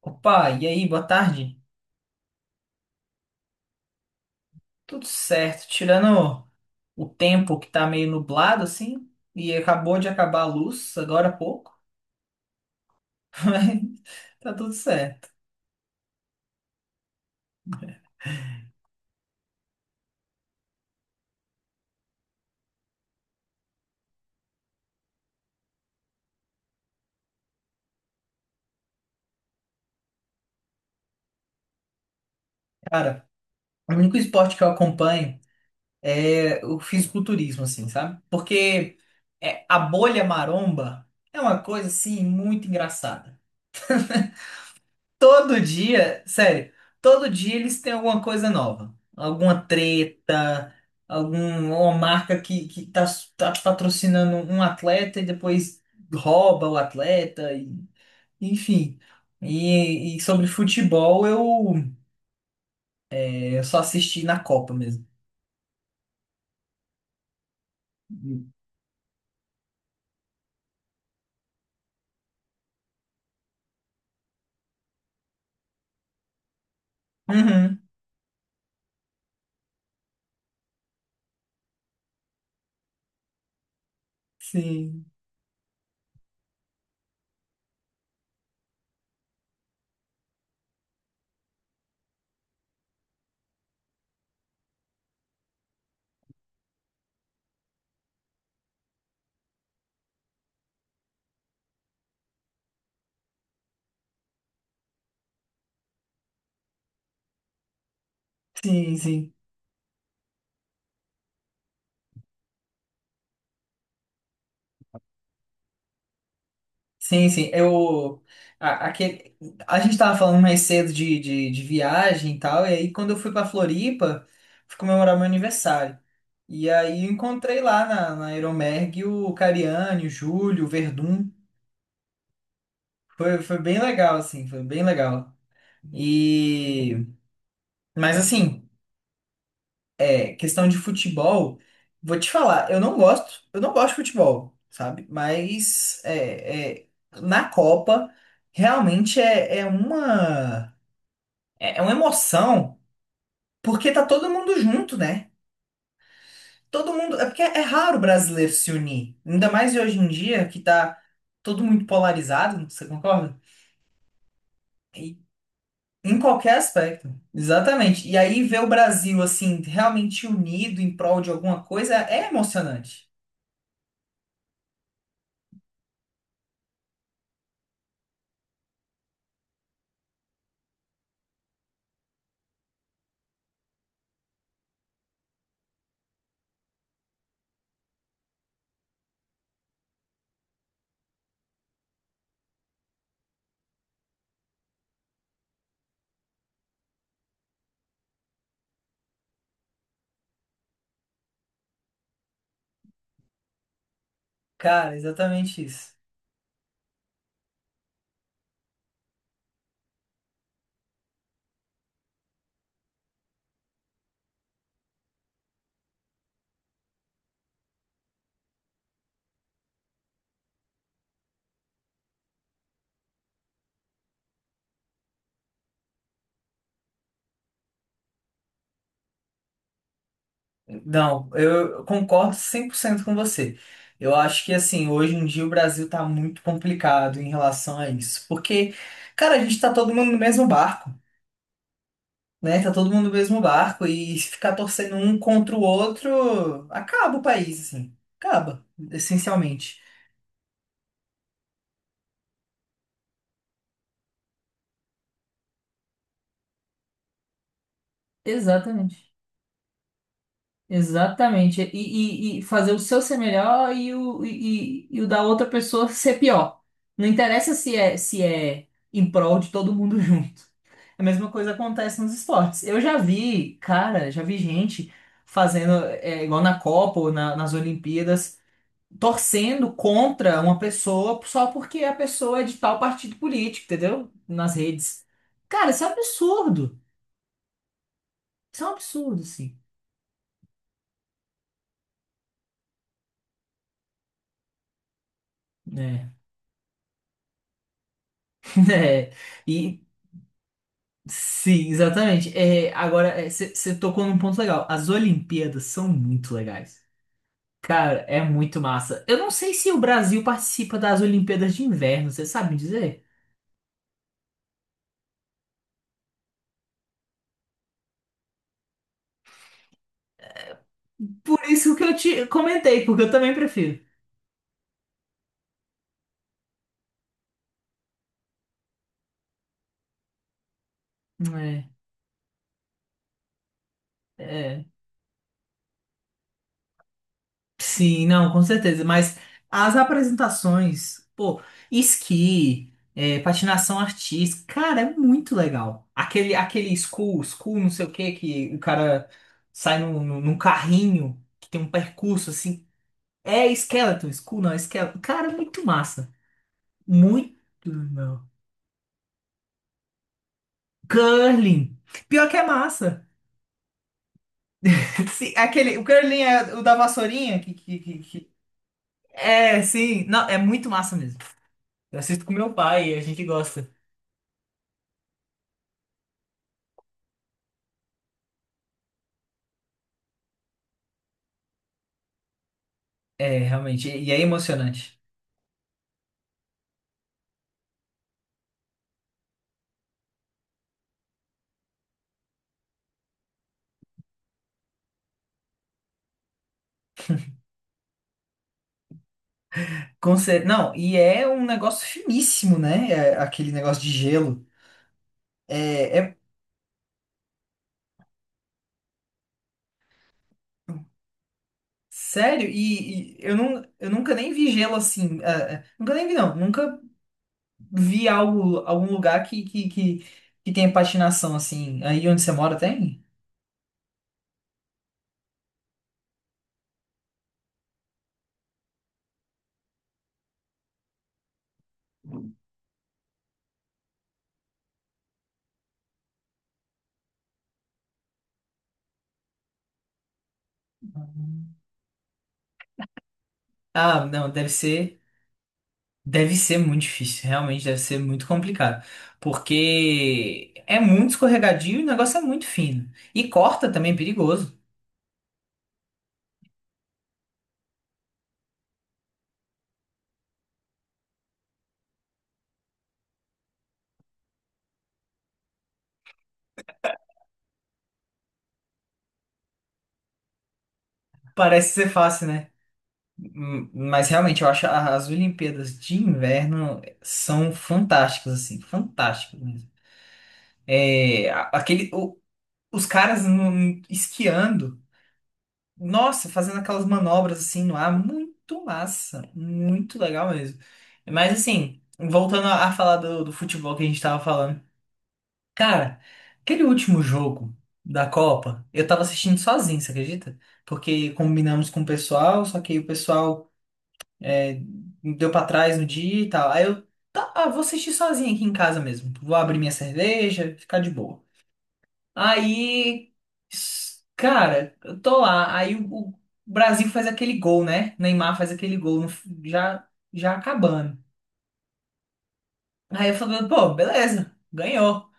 Opa, e aí, boa tarde? Tudo certo, tirando o tempo que tá meio nublado assim, e acabou de acabar a luz agora há pouco, mas tá tudo certo. Cara, o único esporte que eu acompanho é o fisiculturismo, assim, sabe? Porque é, a bolha maromba é uma coisa assim muito engraçada. Todo dia, sério, todo dia eles têm alguma coisa nova. Alguma treta, alguma marca que tá patrocinando um atleta e depois rouba o atleta, enfim. E sobre futebol, eu só assisti na Copa mesmo. Uhum, sim, sim, sim. Sim, sim. A, aquele, a gente tava falando mais cedo de viagem e tal, e aí quando eu fui pra Floripa, fui comemorar meu aniversário. E aí eu encontrei lá na Aeromerg o Cariani, o Júlio, o Verdun. Foi bem legal, assim, foi bem legal. E, mas assim, é, questão de futebol, vou te falar, eu não gosto de futebol, sabe? Mas é, na Copa, realmente é uma emoção, porque tá todo mundo junto, né? Todo mundo. É porque é raro o brasileiro se unir. Ainda mais hoje em dia, que tá todo muito polarizado, você concorda? E- em qualquer aspecto. Exatamente. E aí ver o Brasil, assim, realmente unido em prol de alguma coisa é emocionante. Cara, exatamente isso. Não, eu concordo 100% com você. Eu acho que, assim, hoje em dia o Brasil tá muito complicado em relação a isso. Porque, cara, a gente tá todo mundo no mesmo barco, né? Tá todo mundo no mesmo barco e se ficar torcendo um contra o outro, acaba o país, assim. Acaba, essencialmente. Exatamente. Exatamente. E fazer o seu ser melhor e o da outra pessoa ser pior. Não interessa se é em prol de todo mundo junto. A mesma coisa acontece nos esportes. Eu já vi, cara, já vi gente fazendo, igual na Copa ou nas Olimpíadas. Torcendo contra uma pessoa só porque a pessoa é de tal partido político, entendeu? Nas redes. Cara, isso é um absurdo. Isso é um absurdo, sim. Né? É. E sim, exatamente. É, agora, você tocou num ponto legal. As Olimpíadas são muito legais. Cara, é muito massa. Eu não sei se o Brasil participa das Olimpíadas de Inverno, você sabe me dizer? Por isso que eu te comentei, porque eu também prefiro. É, é. Sim, não, com certeza. Mas as apresentações, pô, esqui, patinação artística, cara, é muito legal. Aquele school, não sei o que que o cara sai num carrinho que tem um percurso assim. É skeleton, school não, é skeleton. Cara, é muito massa. Muito legal. Curling. Pior que é massa. Sim, é aquele, o curling é o da vassourinha. É, sim. Não, é muito massa mesmo. Eu assisto com meu pai e a gente gosta. É, realmente, e é emocionante. Não, e é um negócio finíssimo, né? É, aquele negócio de gelo. É, é- sério, e eu nunca nem vi gelo assim. Ah, nunca nem vi, não. Nunca vi algo, algum lugar que tenha patinação assim. Aí onde você mora tem? Ah, não, deve ser muito difícil, realmente deve ser muito complicado, porque é muito escorregadio e o negócio é muito fino. E corta também é perigoso. Parece ser fácil, né? Mas realmente eu acho as Olimpíadas de inverno são fantásticas, assim, fantásticas mesmo. É, os caras esquiando, nossa, fazendo aquelas manobras assim no ar, muito massa, muito legal mesmo. Mas assim, voltando a falar do futebol que a gente tava falando, cara, aquele último jogo da Copa, eu tava assistindo sozinho, você acredita? Porque combinamos com o pessoal, só que o pessoal deu pra trás no dia e tal. Aí eu, tá, ah, vou assistir sozinho aqui em casa mesmo. Vou abrir minha cerveja, ficar de boa. Aí, cara, eu tô lá. Aí o Brasil faz aquele gol, né? Neymar faz aquele gol, no f- já, já acabando. Aí eu falo, pô, beleza, ganhou.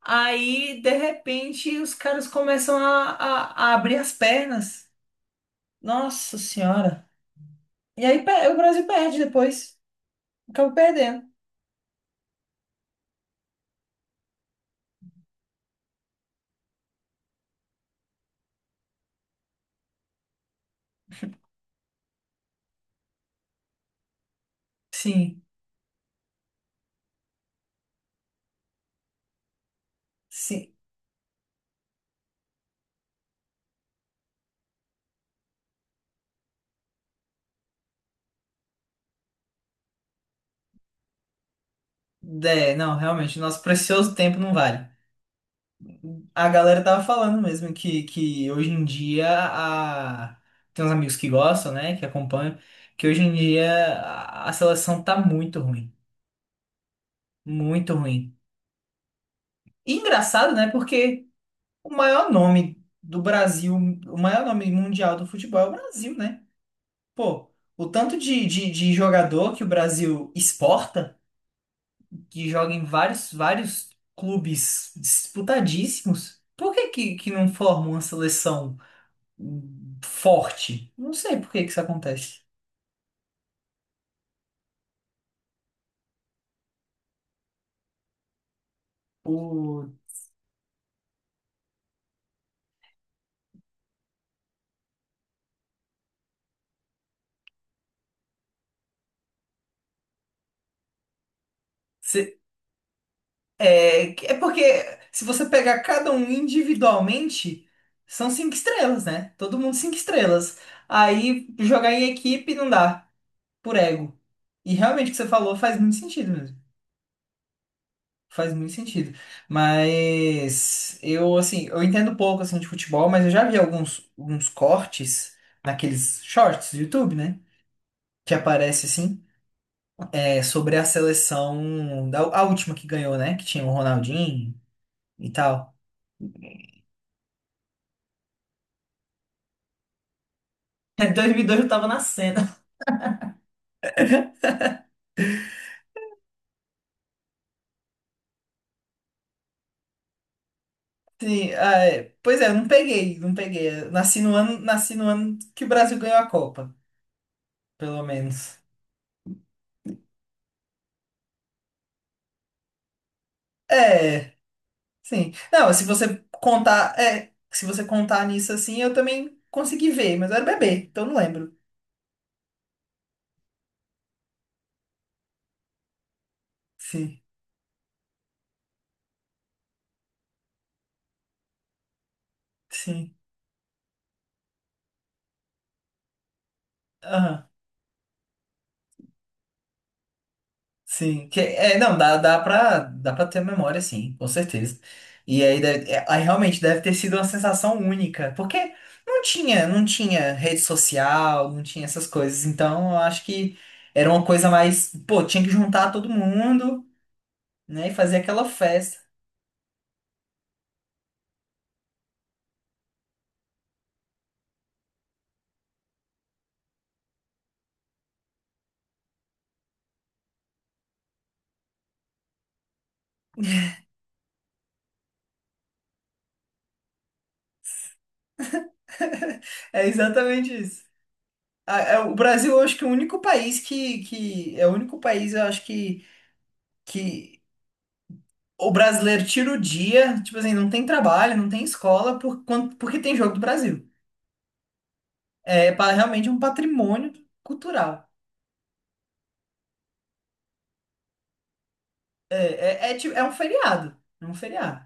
Aí, de repente, os caras começam a abrir as pernas. Nossa senhora. E aí o Brasil perde depois. Acaba perdendo. Sim. Sim, é, não, realmente, nosso precioso tempo não vale. A galera tava falando mesmo que hoje em dia tem uns amigos que gostam, né, que acompanham, que hoje em dia a seleção tá muito ruim, muito ruim. E engraçado, né, porque o maior nome do Brasil, o maior nome mundial do futebol é o Brasil, né? Pô, o tanto de jogador que o Brasil exporta, que joga em vários, vários clubes disputadíssimos, por que que não forma uma seleção forte? Não sei por que que isso acontece. O, se- é, é porque se você pegar cada um individualmente, são cinco estrelas, né? Todo mundo cinco estrelas. Aí jogar em equipe não dá, por ego. E realmente o que você falou faz muito sentido mesmo. Faz muito sentido. Mas eu, assim, eu entendo pouco, assim, de futebol, mas eu já vi alguns cortes naqueles shorts do YouTube, né? Que aparece, assim, sobre a seleção, a última que ganhou, né? Que tinha o Ronaldinho e tal. Em 2002 eu tava nascendo. Sim, ah, é, pois é, eu não peguei, não peguei. Eu nasci no ano, que o Brasil ganhou a Copa, pelo menos. É. Sim. Não, se você contar nisso assim, eu também consegui ver, mas eu era bebê, então não lembro. Sim, sim. Aham, sim. Que, é, não, dá pra ter memória, sim, com certeza. E aí, realmente deve ter sido uma sensação única, porque não tinha, não tinha rede social, não tinha essas coisas. Então, eu acho que era uma coisa mais, pô, tinha que juntar todo mundo, né, e fazer aquela festa. É exatamente isso. O Brasil, eu acho que é o único país que é o único país, eu acho que o brasileiro tira o dia, tipo assim, não tem trabalho, não tem escola, porque tem jogo do Brasil. Realmente é um patrimônio cultural. É, é um feriado, é um feriado.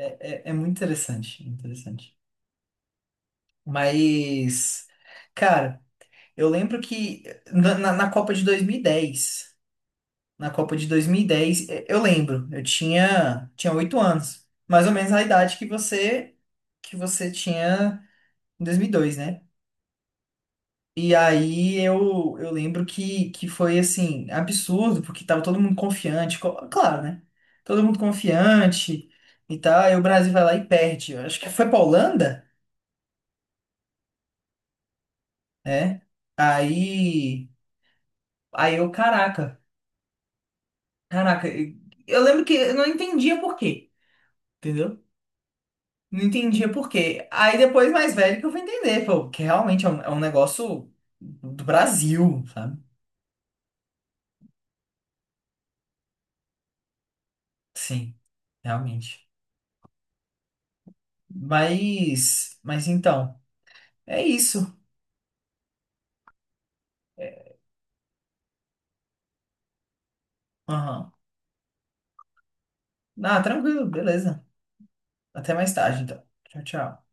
É muito interessante, interessante. Mas, cara, eu lembro que na Copa de 2010. Na Copa de dois mil E- dez, E- Eu lembro, eu tinha 8 anos, mais ou menos a idade que você tinha em 2002, né? E aí eu lembro que foi assim, absurdo, porque tava todo mundo confiante, claro, né? Todo mundo confiante e tal, e o Brasil vai lá e perde. Eu acho que foi pra Holanda, né? Aí, aí eu, caraca, eu lembro que eu não entendia por quê, entendeu? Não entendia por quê. Aí depois, mais velho, que eu fui entender, pô, que realmente é um, negócio do Brasil, sabe? Sim, realmente. Mas então, é isso. É. Aham. Ah, tranquilo, beleza. Até mais tarde, então. Tchau, tchau.